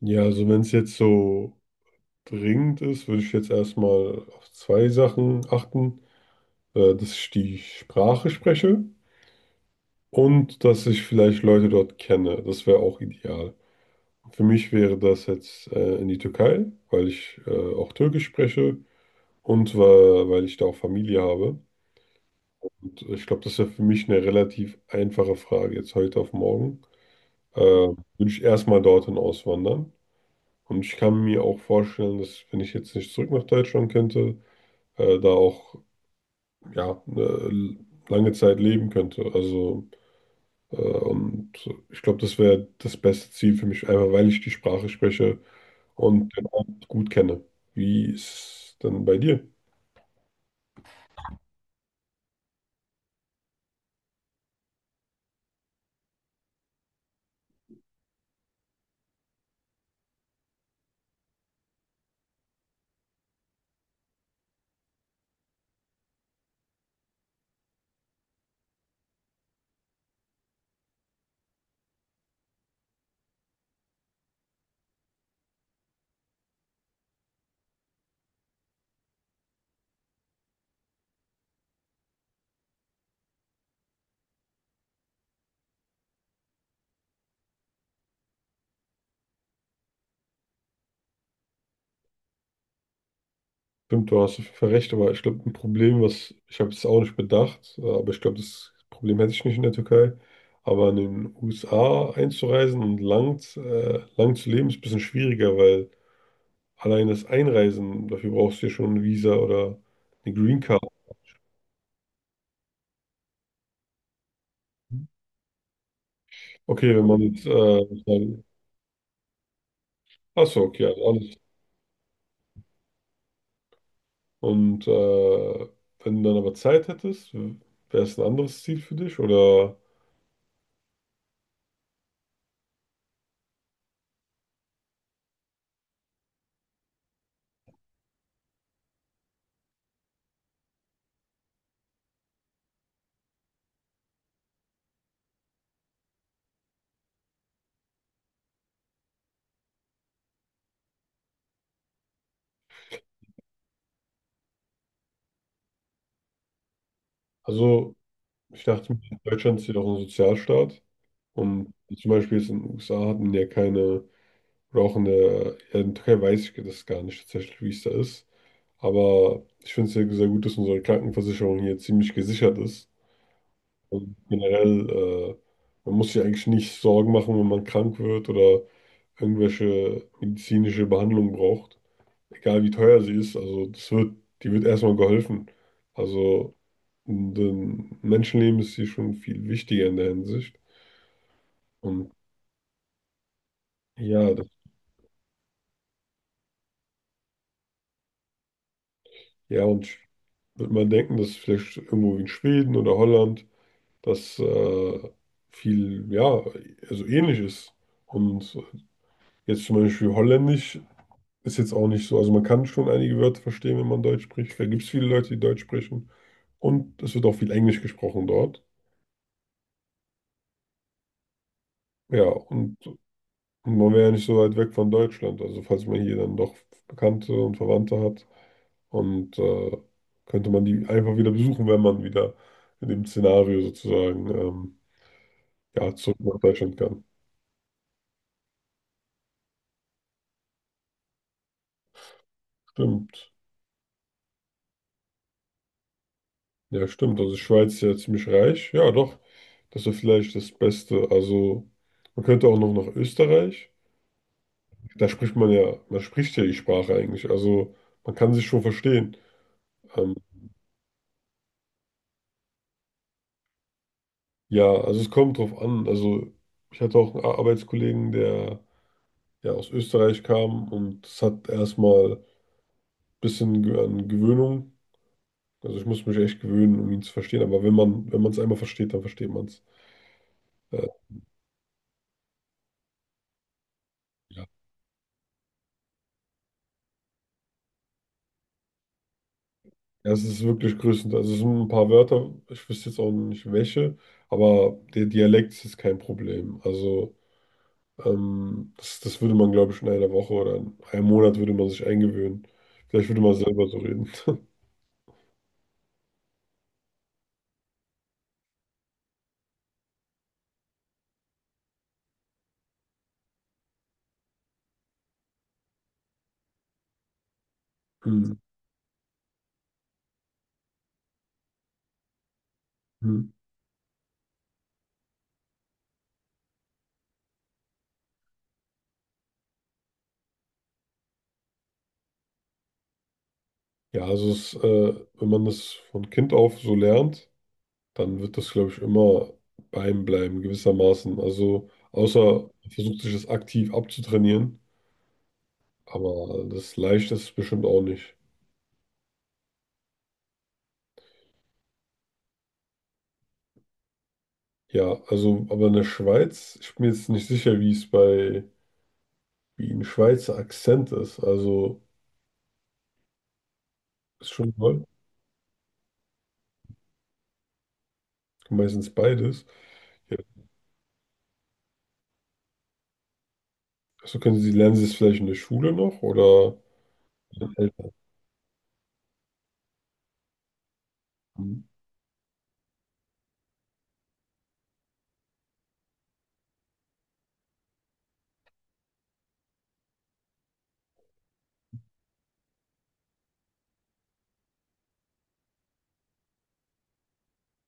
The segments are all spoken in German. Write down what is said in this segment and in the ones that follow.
Ja, also wenn es jetzt so dringend ist, würde ich jetzt erstmal auf zwei Sachen achten, dass ich die Sprache spreche und dass ich vielleicht Leute dort kenne. Das wäre auch ideal. Für mich wäre das jetzt in die Türkei, weil ich auch Türkisch spreche und weil ich da auch Familie habe. Und ich glaube, das wäre für mich eine relativ einfache Frage jetzt heute auf morgen. Mhm. Würde ich erstmal dorthin auswandern. Und ich kann mir auch vorstellen, dass wenn ich jetzt nicht zurück nach Deutschland könnte, da auch ja, eine lange Zeit leben könnte. Also, äh, und ich glaube, das wäre das beste Ziel für mich, einfach weil ich die Sprache spreche und den Ort gut kenne. Wie ist es denn bei dir? Stimmt, du hast recht, aber ich glaube, ein Problem, was ich habe es auch nicht bedacht, aber ich glaube, das Problem hätte ich nicht in der Türkei. Aber in den USA einzureisen und lang zu leben, ist ein bisschen schwieriger, weil allein das Einreisen, dafür brauchst du ja schon ein Visa oder eine Green Card. Okay, wenn man jetzt, ach so, okay, also alles. Und wenn du dann aber Zeit hättest, wäre es ein anderes Ziel für dich? Oder, also, ich dachte, mir, Deutschland ist ja auch ein Sozialstaat. Und zum Beispiel jetzt in den USA hat man ja keine, oder auch in der, ja, in der Türkei weiß ich das gar nicht tatsächlich, wie es da ist. Aber ich finde es ja sehr gut, dass unsere Krankenversicherung hier ziemlich gesichert ist. Also generell, äh, man muss sich eigentlich nicht Sorgen machen, wenn man krank wird oder irgendwelche medizinische Behandlung braucht. Egal wie teuer sie ist, also die wird erstmal geholfen. Also ein Menschenleben ist hier schon viel wichtiger in der Hinsicht. Und ja, das, ja, und sch- wird man denken, dass vielleicht irgendwo in Schweden oder Holland das ja, also ähnlich ist. Und jetzt zum Beispiel Holländisch. Ist jetzt auch nicht so. Also man kann schon einige Wörter verstehen, wenn man Deutsch spricht. Da gibt es viele Leute, die Deutsch sprechen. Und es wird auch viel Englisch gesprochen dort. Ja, und man wäre ja nicht so weit weg von Deutschland. Also falls man hier dann doch Bekannte und Verwandte hat. Und könnte man die einfach wieder besuchen, wenn man wieder in dem Szenario sozusagen ja, zurück nach Deutschland kann. Stimmt. Ja, stimmt. Also Schweiz ist ja ziemlich reich. Ja, doch. Das wäre vielleicht das Beste. Also man könnte auch noch nach Österreich. Da spricht man ja, man spricht ja die Sprache eigentlich. Also man kann sich schon verstehen. Ähm, ja, also es kommt drauf an. Also ich hatte auch einen Arbeitskollegen, der ja aus Österreich kam und es hat erstmal ein bisschen an Gewöhnung. Also ich muss mich echt gewöhnen, um ihn zu verstehen. Aber wenn man es einmal versteht, dann versteht man es. Äh, ja. Ja, es ist wirklich größtenteils. Also es sind ein paar Wörter, ich wüsste jetzt auch nicht welche, aber der Dialekt ist kein Problem. Das würde man, glaube ich, in einer Woche oder in einem Monat würde man sich eingewöhnen. Vielleicht würde man selber so reden. Hm, hm. Ja, also wenn man das von Kind auf so lernt, dann wird das, glaube ich, immer bei einem bleiben, gewissermaßen. Also außer man versucht sich das aktiv abzutrainieren, aber das leicht ist es bestimmt auch nicht. Ja, also, aber in der Schweiz, ich bin mir jetzt nicht sicher, wie ein Schweizer Akzent ist. Also, ist schon toll, meistens beides. Ja, also können Sie, lernen Sie es vielleicht in der Schule noch oder mit den Eltern? Mhm.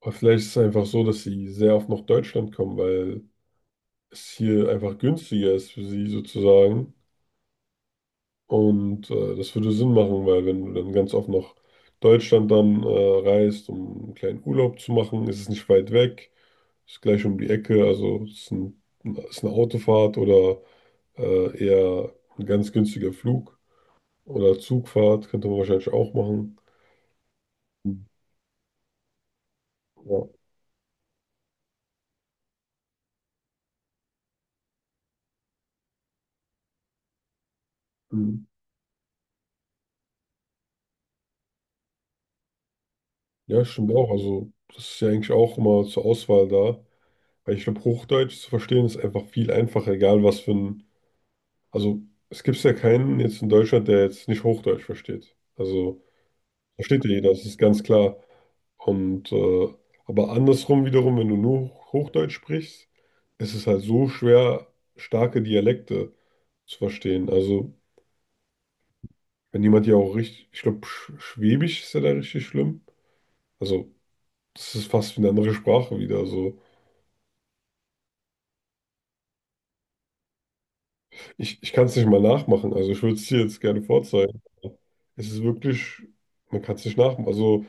Oder vielleicht ist es einfach so, dass Sie sehr oft nach Deutschland kommen, weil es hier einfach günstiger ist für Sie sozusagen. Und das würde Sinn machen, weil wenn du dann ganz oft nach Deutschland dann reist, um einen kleinen Urlaub zu machen, ist es nicht weit weg, ist gleich um die Ecke, ist eine Autofahrt oder eher ein ganz günstiger Flug oder Zugfahrt könnte man wahrscheinlich auch machen. Mhm. Ja. Mhm. Ja, stimmt auch. Also, das ist ja eigentlich auch immer zur Auswahl da. Weil ich glaube, Hochdeutsch zu verstehen ist einfach viel einfacher, egal was für ein. Also, es gibt ja keinen jetzt in Deutschland, der jetzt nicht Hochdeutsch versteht. Also, versteht ja jeder, das ist ganz klar. Und, äh, aber andersrum wiederum, wenn du nur Hochdeutsch sprichst, ist es halt so schwer, starke Dialekte zu verstehen. Also, wenn jemand ja auch richtig. Ich glaube, Schwäbisch ist ja da richtig schlimm. Also, das ist fast wie eine andere Sprache wieder. So. Ich kann es nicht mal nachmachen. Also ich würde es dir jetzt gerne vorzeigen. Es ist wirklich, man kann es nicht nachmachen. Also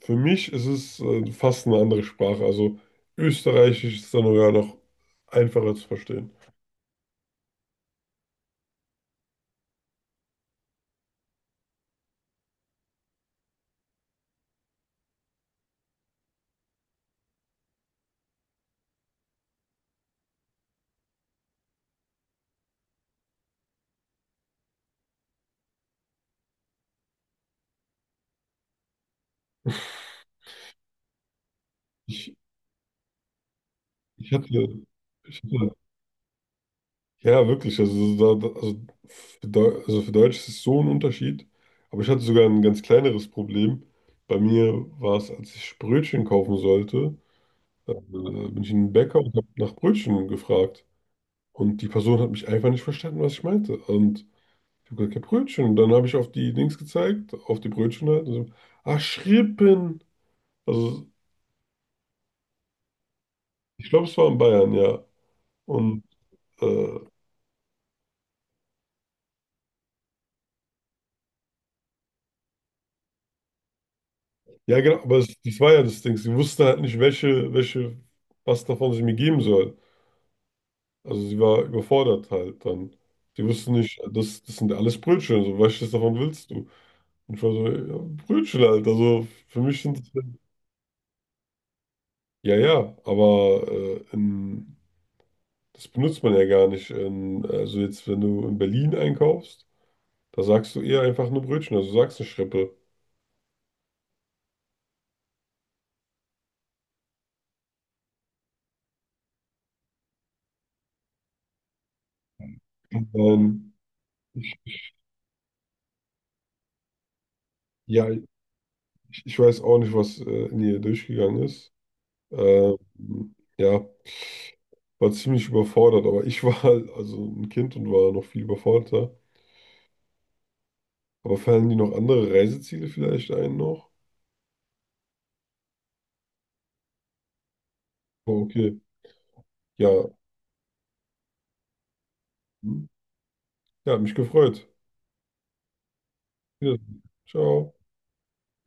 für mich ist es fast eine andere Sprache. Also Österreichisch ist dann sogar noch einfacher zu verstehen. Ich, ich hatte, ich hatte, ja wirklich, also, so da, da- also, für Deu- also für Deutsch ist es so ein Unterschied. Aber ich hatte sogar ein ganz kleineres Problem. Bei mir war es, als ich Brötchen kaufen sollte, bin ich in den Bäcker und habe nach Brötchen gefragt. Und die Person hat mich einfach nicht verstanden, was ich meinte. Und ich habe gesagt, ja, Brötchen. Und dann habe ich auf die Dings gezeigt, auf die Brötchen halt. Und so, ah, Schrippen. Also, ich glaube, es war in Bayern, ja. Und äh, ja, genau, aber das war ja das Ding. Sie wusste halt nicht, was davon sie mir geben soll. Also, sie war überfordert halt dann. Sie wusste nicht, das sind alles Brötchen. So, welches davon willst du? Und ich war so, ja, Brötchen halt. Also, für mich sind das, ja, ja, aber in. Das benutzt man ja gar nicht. In, also jetzt, wenn du in Berlin einkaufst, da sagst du eher einfach nur Brötchen, also du sagst eine Schrippe. Ähm, ja, ich, ich weiß auch nicht, was in ihr durchgegangen ist. Ähm, ja, war ziemlich überfordert, aber ich war halt also ein Kind und war noch viel überforderter. Aber fallen die noch andere Reiseziele vielleicht ein noch? Oh, okay. Ja, hm. Ja, hat mich gefreut. Wiedersehen. Ciao.